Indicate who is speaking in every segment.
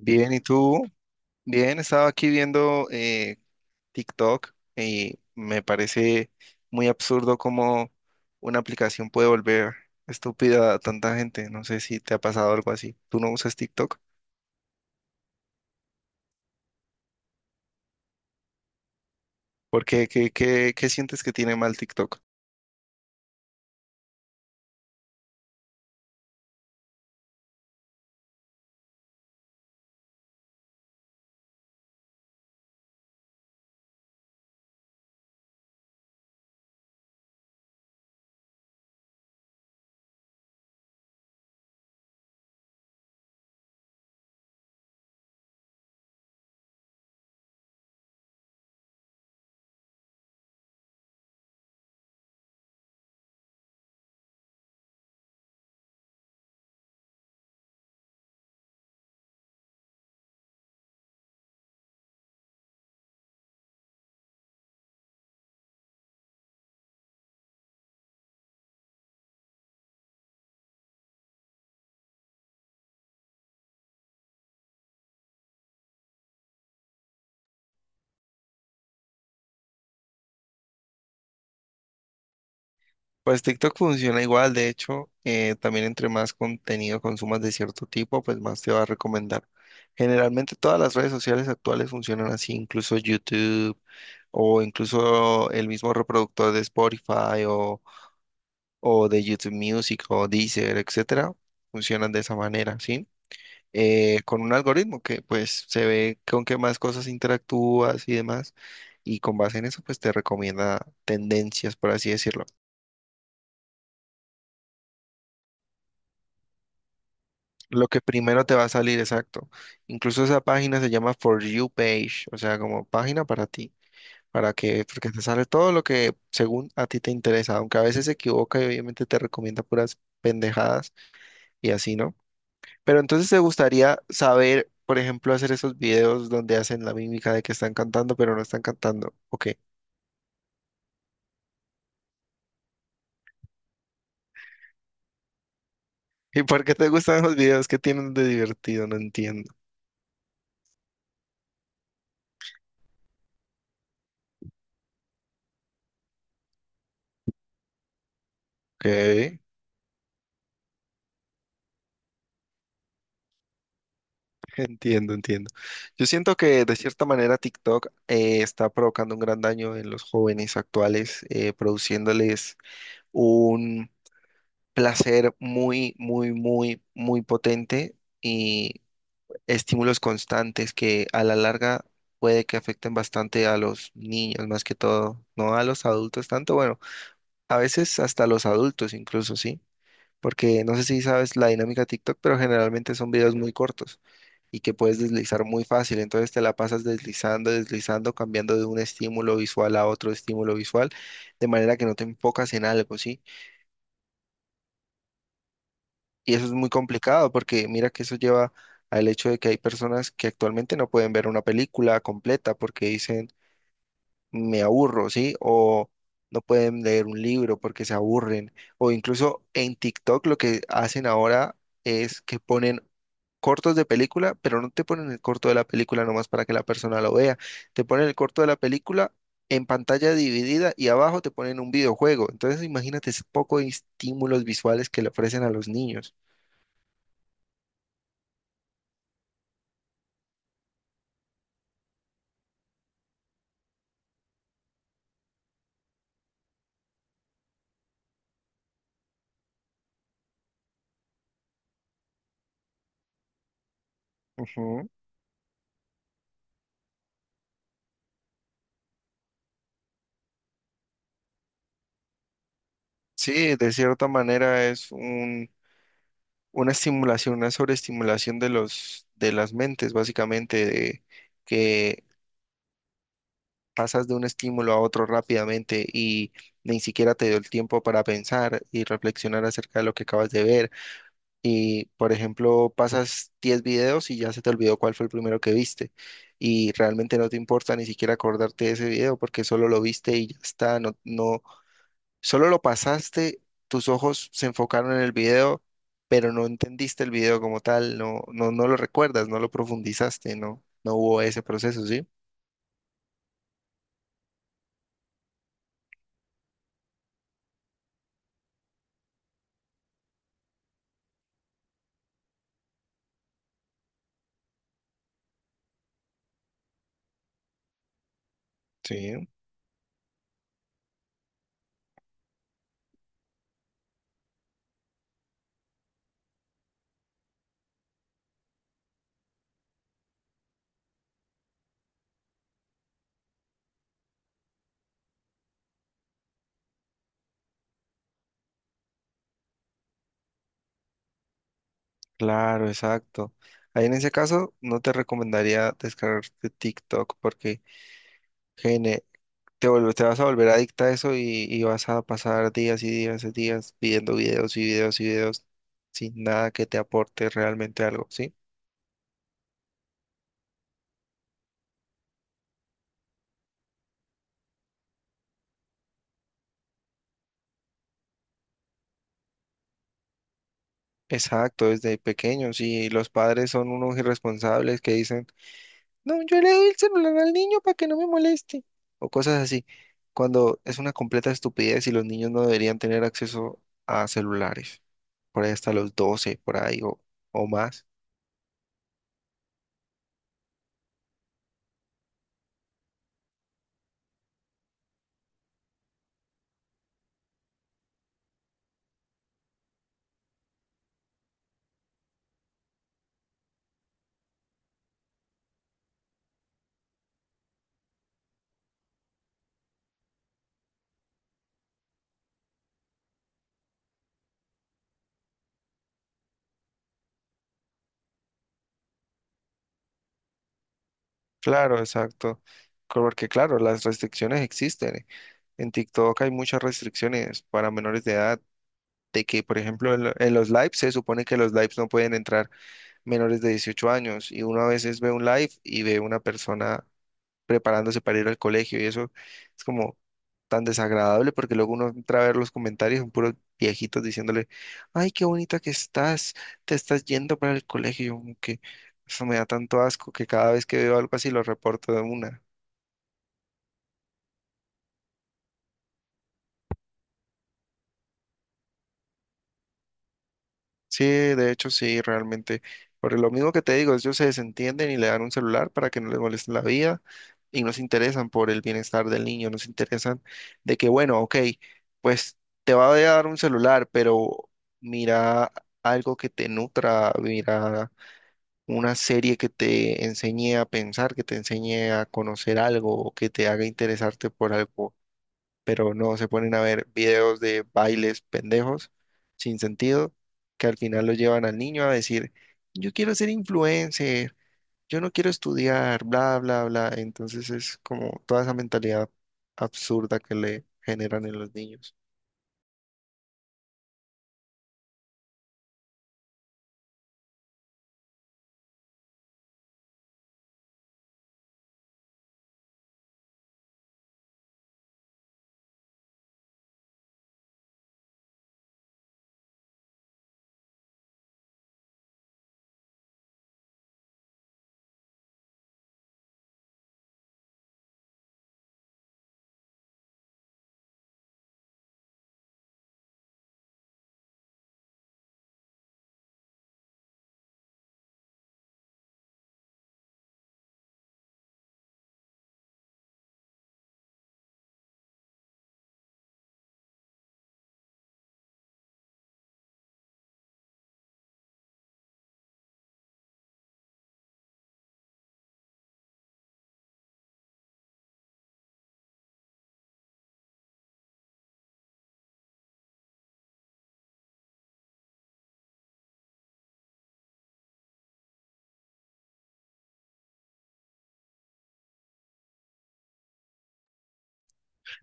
Speaker 1: Bien, ¿y tú? Bien, estaba aquí viendo TikTok y me parece muy absurdo cómo una aplicación puede volver estúpida a tanta gente. No sé si te ha pasado algo así. ¿Tú no usas TikTok? ¿Por qué? ¿Qué sientes que tiene mal TikTok? Pues TikTok funciona igual, de hecho, también entre más contenido consumas de cierto tipo, pues más te va a recomendar. Generalmente todas las redes sociales actuales funcionan así, incluso YouTube o incluso el mismo reproductor de Spotify o de YouTube Music o Deezer, etcétera, funcionan de esa manera, ¿sí? Con un algoritmo que pues se ve con qué más cosas interactúas y demás, y con base en eso pues te recomienda tendencias, por así decirlo. Lo que primero te va a salir, exacto. Incluso esa página se llama For You Page, o sea, como página para ti. Para que, porque te sale todo lo que según a ti te interesa, aunque a veces se equivoca y obviamente te recomienda puras pendejadas y así, ¿no? Pero entonces te gustaría saber, por ejemplo, hacer esos videos donde hacen la mímica de que están cantando, pero no están cantando. Ok. ¿Y por qué te gustan los videos? ¿Qué tienen de divertido? No entiendo. Ok, entiendo, entiendo. Yo siento que de cierta manera TikTok está provocando un gran daño en los jóvenes actuales, produciéndoles un placer muy, muy, muy, muy potente y estímulos constantes que a la larga puede que afecten bastante a los niños más que todo, no a los adultos tanto, bueno, a veces hasta los adultos incluso, ¿sí? Porque no sé si sabes la dinámica de TikTok, pero generalmente son videos muy cortos y que puedes deslizar muy fácil, entonces te la pasas deslizando, deslizando, cambiando de un estímulo visual a otro estímulo visual, de manera que no te enfocas en algo, ¿sí? Y eso es muy complicado porque mira que eso lleva al hecho de que hay personas que actualmente no pueden ver una película completa porque dicen me aburro, ¿sí? O no pueden leer un libro porque se aburren. O incluso en TikTok lo que hacen ahora es que ponen cortos de película, pero no te ponen el corto de la película nomás para que la persona lo vea. Te ponen el corto de la película en pantalla dividida y abajo te ponen un videojuego. Entonces imagínate ese poco de estímulos visuales que le ofrecen a los niños. Ujú. Sí, de cierta manera es un, una estimulación, una sobreestimulación de las mentes, básicamente, de que pasas de un estímulo a otro rápidamente y ni siquiera te dio el tiempo para pensar y reflexionar acerca de lo que acabas de ver. Y, por ejemplo, pasas 10 videos y ya se te olvidó cuál fue el primero que viste. Y realmente no te importa ni siquiera acordarte de ese video porque solo lo viste y ya está. No, no, solo lo pasaste, tus ojos se enfocaron en el video, pero no entendiste el video como tal, no, no, no lo recuerdas, no lo profundizaste, no, no hubo ese proceso, ¿sí? Sí, claro, exacto. Ahí en ese caso no te recomendaría descargarte TikTok porque gene- te vas a volver adicta a eso y vas a pasar días y días y días viendo videos y videos y videos sin nada que te aporte realmente algo, ¿sí? Exacto, desde pequeños y los padres son unos irresponsables que dicen, no, yo le doy el celular al niño para que no me moleste o cosas así, cuando es una completa estupidez y los niños no deberían tener acceso a celulares, por ahí hasta los 12 por ahí o más. Claro, exacto, porque claro, las restricciones existen. En TikTok hay muchas restricciones para menores de edad, de que, por ejemplo, en los lives se supone que los lives no pueden entrar menores de 18 años y uno a veces ve un live y ve una persona preparándose para ir al colegio y eso es como tan desagradable porque luego uno entra a ver los comentarios, son puros viejitos diciéndole, ay, qué bonita que estás, te estás yendo para el colegio, y yo como que eso me da tanto asco que cada vez que veo algo así lo reporto de una. Sí, de hecho sí, realmente. Por lo mismo que te digo, ellos se desentienden y le dan un celular para que no les moleste la vida y no se interesan por el bienestar del niño, no se interesan de que, bueno, ok, pues te va a dar un celular, pero mira algo que te nutra, mira una serie que te enseñe a pensar, que te enseñe a conocer algo, o que te haga interesarte por algo pero no se ponen a ver videos de bailes pendejos sin sentido que al final lo llevan al niño a decir, yo quiero ser influencer, yo no quiero estudiar, bla, bla, bla. Entonces es como toda esa mentalidad absurda que le generan en los niños.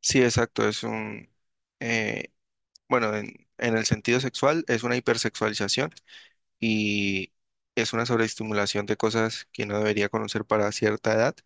Speaker 1: Sí, exacto, es un, eh, bueno, en el sentido sexual es una hipersexualización y es una sobreestimulación de cosas que no debería conocer para cierta edad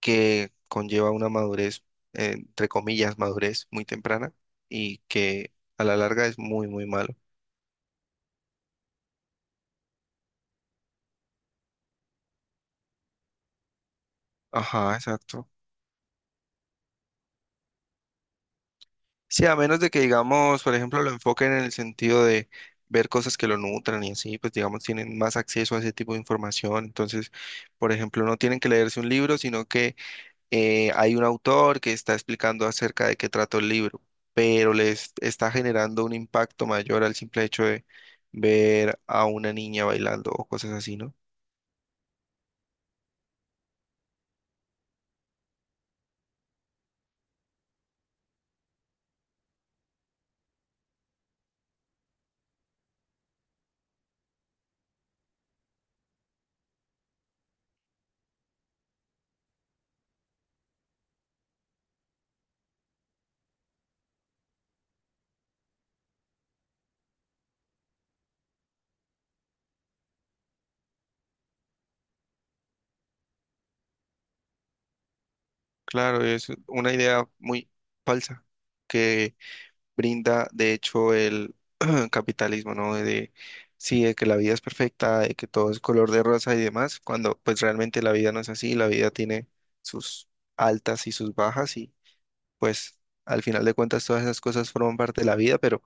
Speaker 1: que conlleva una madurez, entre comillas, madurez muy temprana y que a la larga es muy, muy malo. Ajá, exacto. Sí, a menos de que, digamos, por ejemplo, lo enfoquen en el sentido de ver cosas que lo nutran y así, pues, digamos, tienen más acceso a ese tipo de información. Entonces, por ejemplo, no tienen que leerse un libro, sino que hay un autor que está explicando acerca de qué trata el libro, pero les está generando un impacto mayor al simple hecho de ver a una niña bailando o cosas así, ¿no? Claro, es una idea muy falsa que brinda, de hecho, el capitalismo, ¿no? De, sí, de que la vida es perfecta, de que todo es color de rosa y demás, cuando pues realmente la vida no es así, la vida tiene sus altas y sus bajas y pues al final de cuentas todas esas cosas forman parte de la vida, pero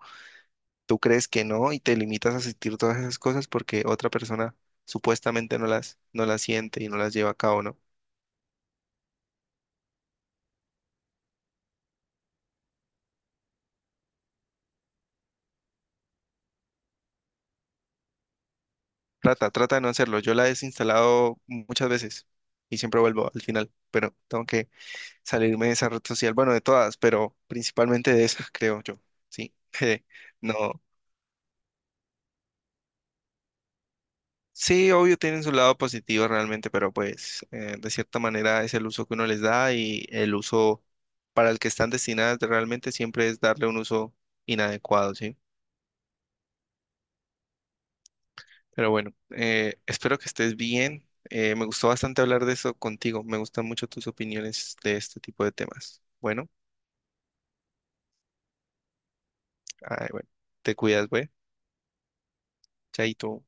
Speaker 1: tú crees que no y te limitas a sentir todas esas cosas porque otra persona supuestamente no las, no las siente y no las lleva a cabo, ¿no? Trata, trata de no hacerlo. Yo la he desinstalado muchas veces y siempre vuelvo al final, pero tengo que salirme de esa red social, bueno, de todas, pero principalmente de esa, creo yo, ¿sí? No. Sí, obvio, tienen su lado positivo realmente, pero pues de cierta manera es el uso que uno les da y el uso para el que están destinadas realmente siempre es darle un uso inadecuado, ¿sí? Pero bueno, espero que estés bien. Me gustó bastante hablar de eso contigo. Me gustan mucho tus opiniones de este tipo de temas. Bueno, ay, bueno, te cuidas, güey. Chaito.